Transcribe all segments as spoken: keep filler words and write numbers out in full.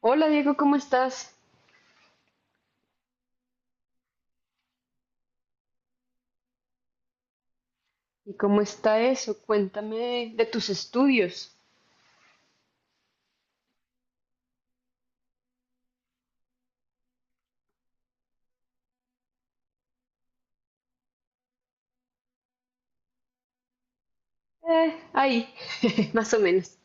Hola Diego, ¿cómo estás? ¿Y cómo está eso? Cuéntame de tus estudios. Eh, ahí, más o menos,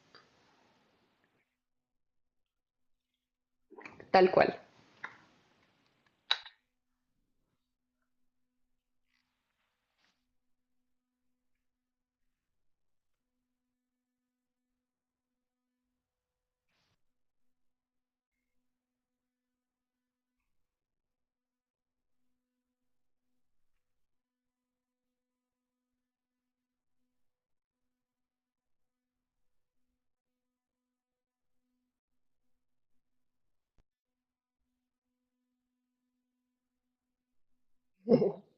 tal cual.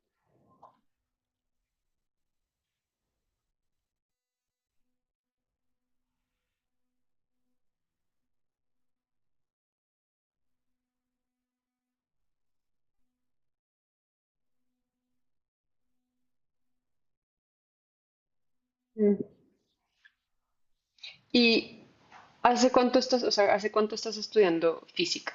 Mm. ¿Y hace cuánto estás, o sea, hace cuánto estás estudiando física?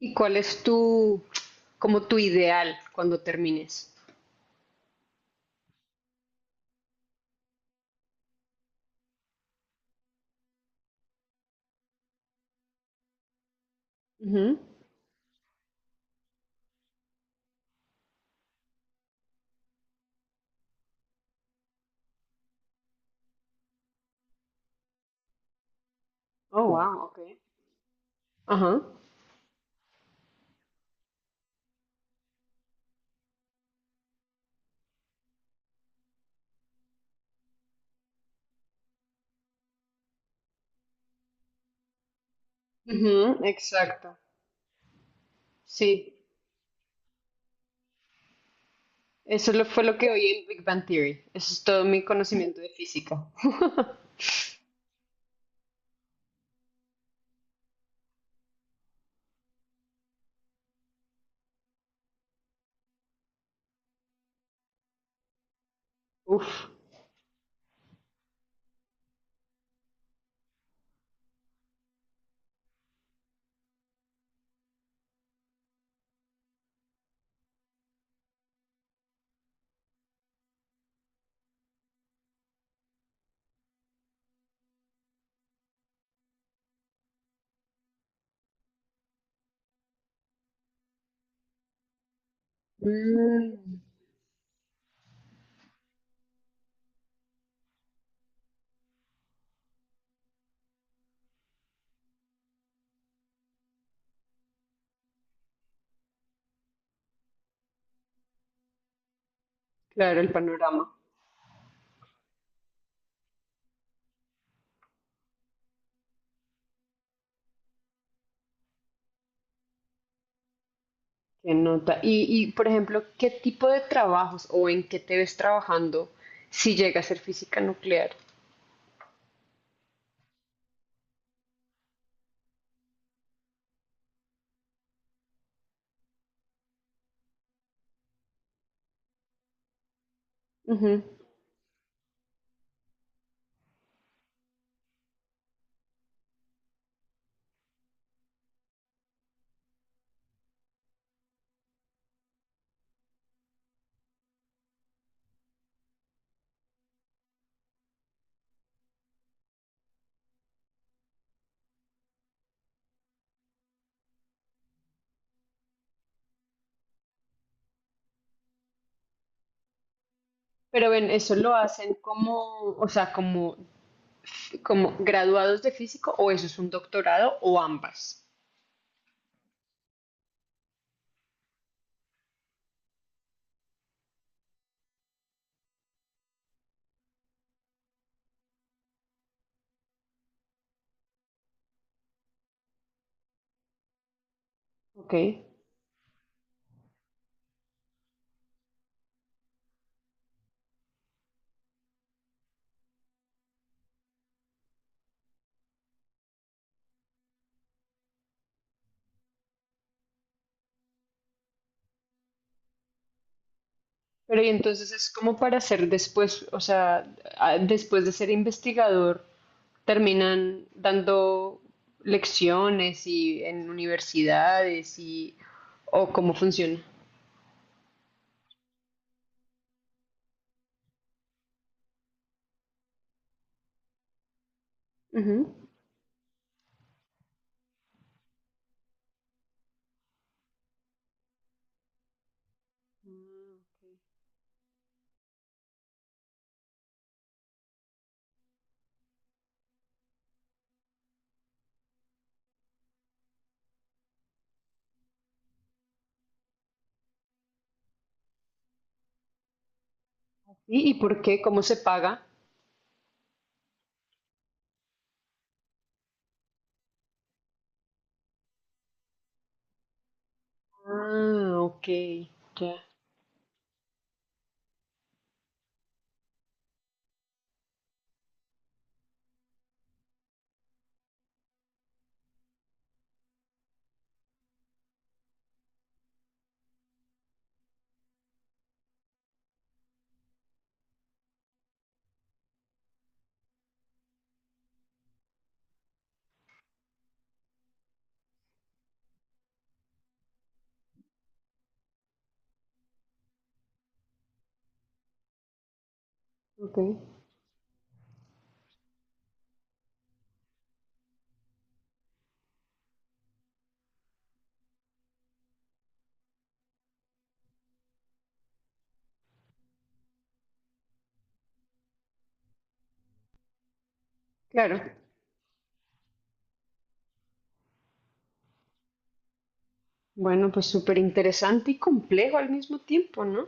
¿Y cuál es tu, como tu ideal cuando termines? Ujú. Oh, wow, okay. Ajá. Ujú, exacto. Sí, eso lo- fue lo que oí en Big Bang Theory. Eso es todo mi conocimiento de física. Uf. Mm. Claro, el panorama. Que nota. Y, y, por ejemplo, ¿qué tipo de trabajos o en qué te ves trabajando si llega a ser física nuclear? Ujú. Pero ven, ¿eso lo hacen como, o sea, como, como graduados de físico o eso es un doctorado o ambas? Ok. Pero y entonces es como para ser después, o sea, a- después de ser investigador, terminan dando lecciones y en universidades y, o cómo funciona. Ujú. ¿Y, y por qué? ¿Cómo se paga? Ah, ok, ya, ok, claro. Bueno, pues súper interesante y complejo al mismo tiempo, ¿no?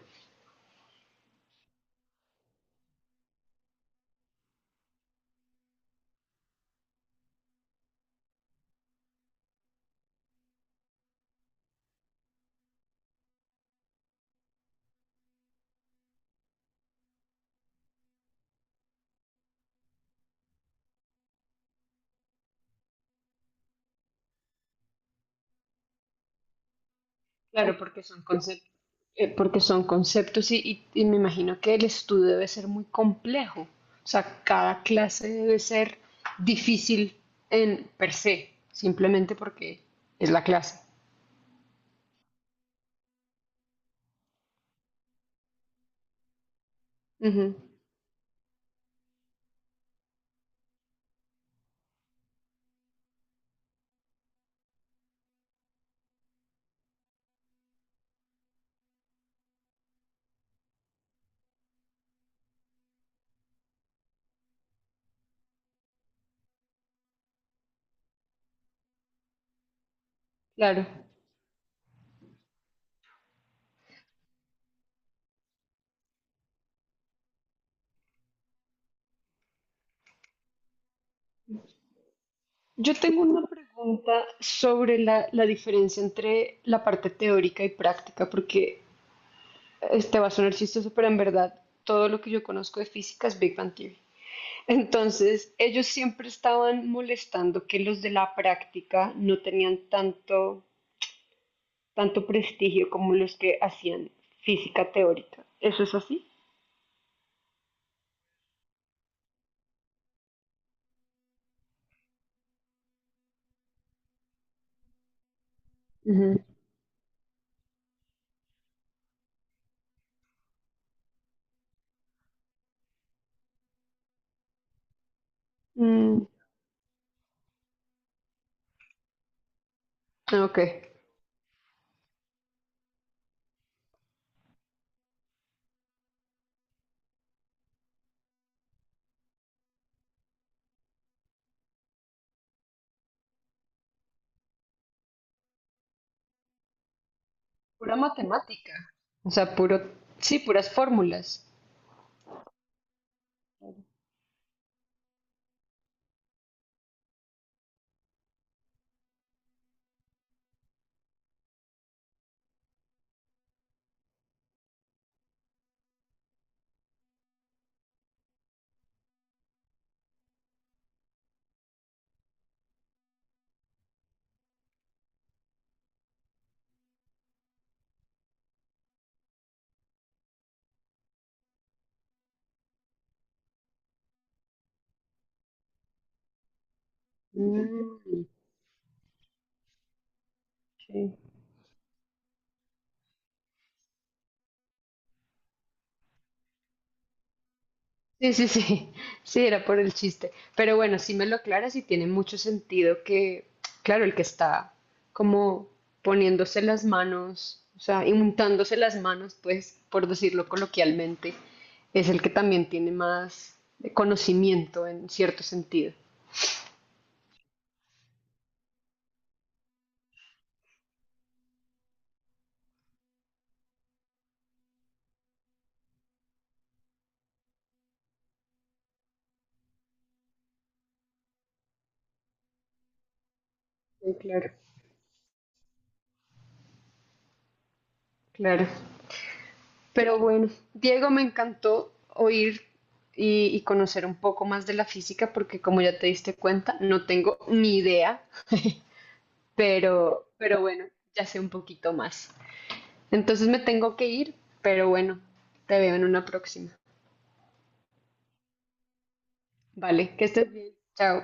Claro, porque son conceptos, porque son conceptos y, y- y me imagino que el estudio debe ser muy complejo. O sea, cada clase debe ser difícil en per se, simplemente porque es la clase. Ujú. Claro. Yo tengo una pregunta sobre la, la diferencia entre la parte teórica y práctica, porque este va a sonar chistoso, pero en verdad todo lo que yo conozco de física es Big Bang Theory. Entonces, ellos siempre estaban molestando que los de la práctica no tenían tanto, tanto prestigio como los que hacían física teórica. ¿Eso es así? Ujú. Mm, ok. Pura matemática. O sea, puro, sí, puras fórmulas. Mm, ok. Sí, sí, sí, sí, era por el chiste. Pero bueno, si me lo aclaras y tiene mucho sentido que, claro, el que está como poniéndose las manos, o sea, untándose las manos, pues, por decirlo coloquialmente, es el que también tiene más conocimiento en cierto sentido. Sí, claro, claro. Pero bueno, Diego, me encantó oír y, y conocer un poco más de la física porque como ya te diste cuenta, no tengo ni idea. Pero, pero bueno, ya sé un poquito más. Entonces me tengo que ir, pero bueno, te veo en una próxima. Vale, que estés bien. Chao.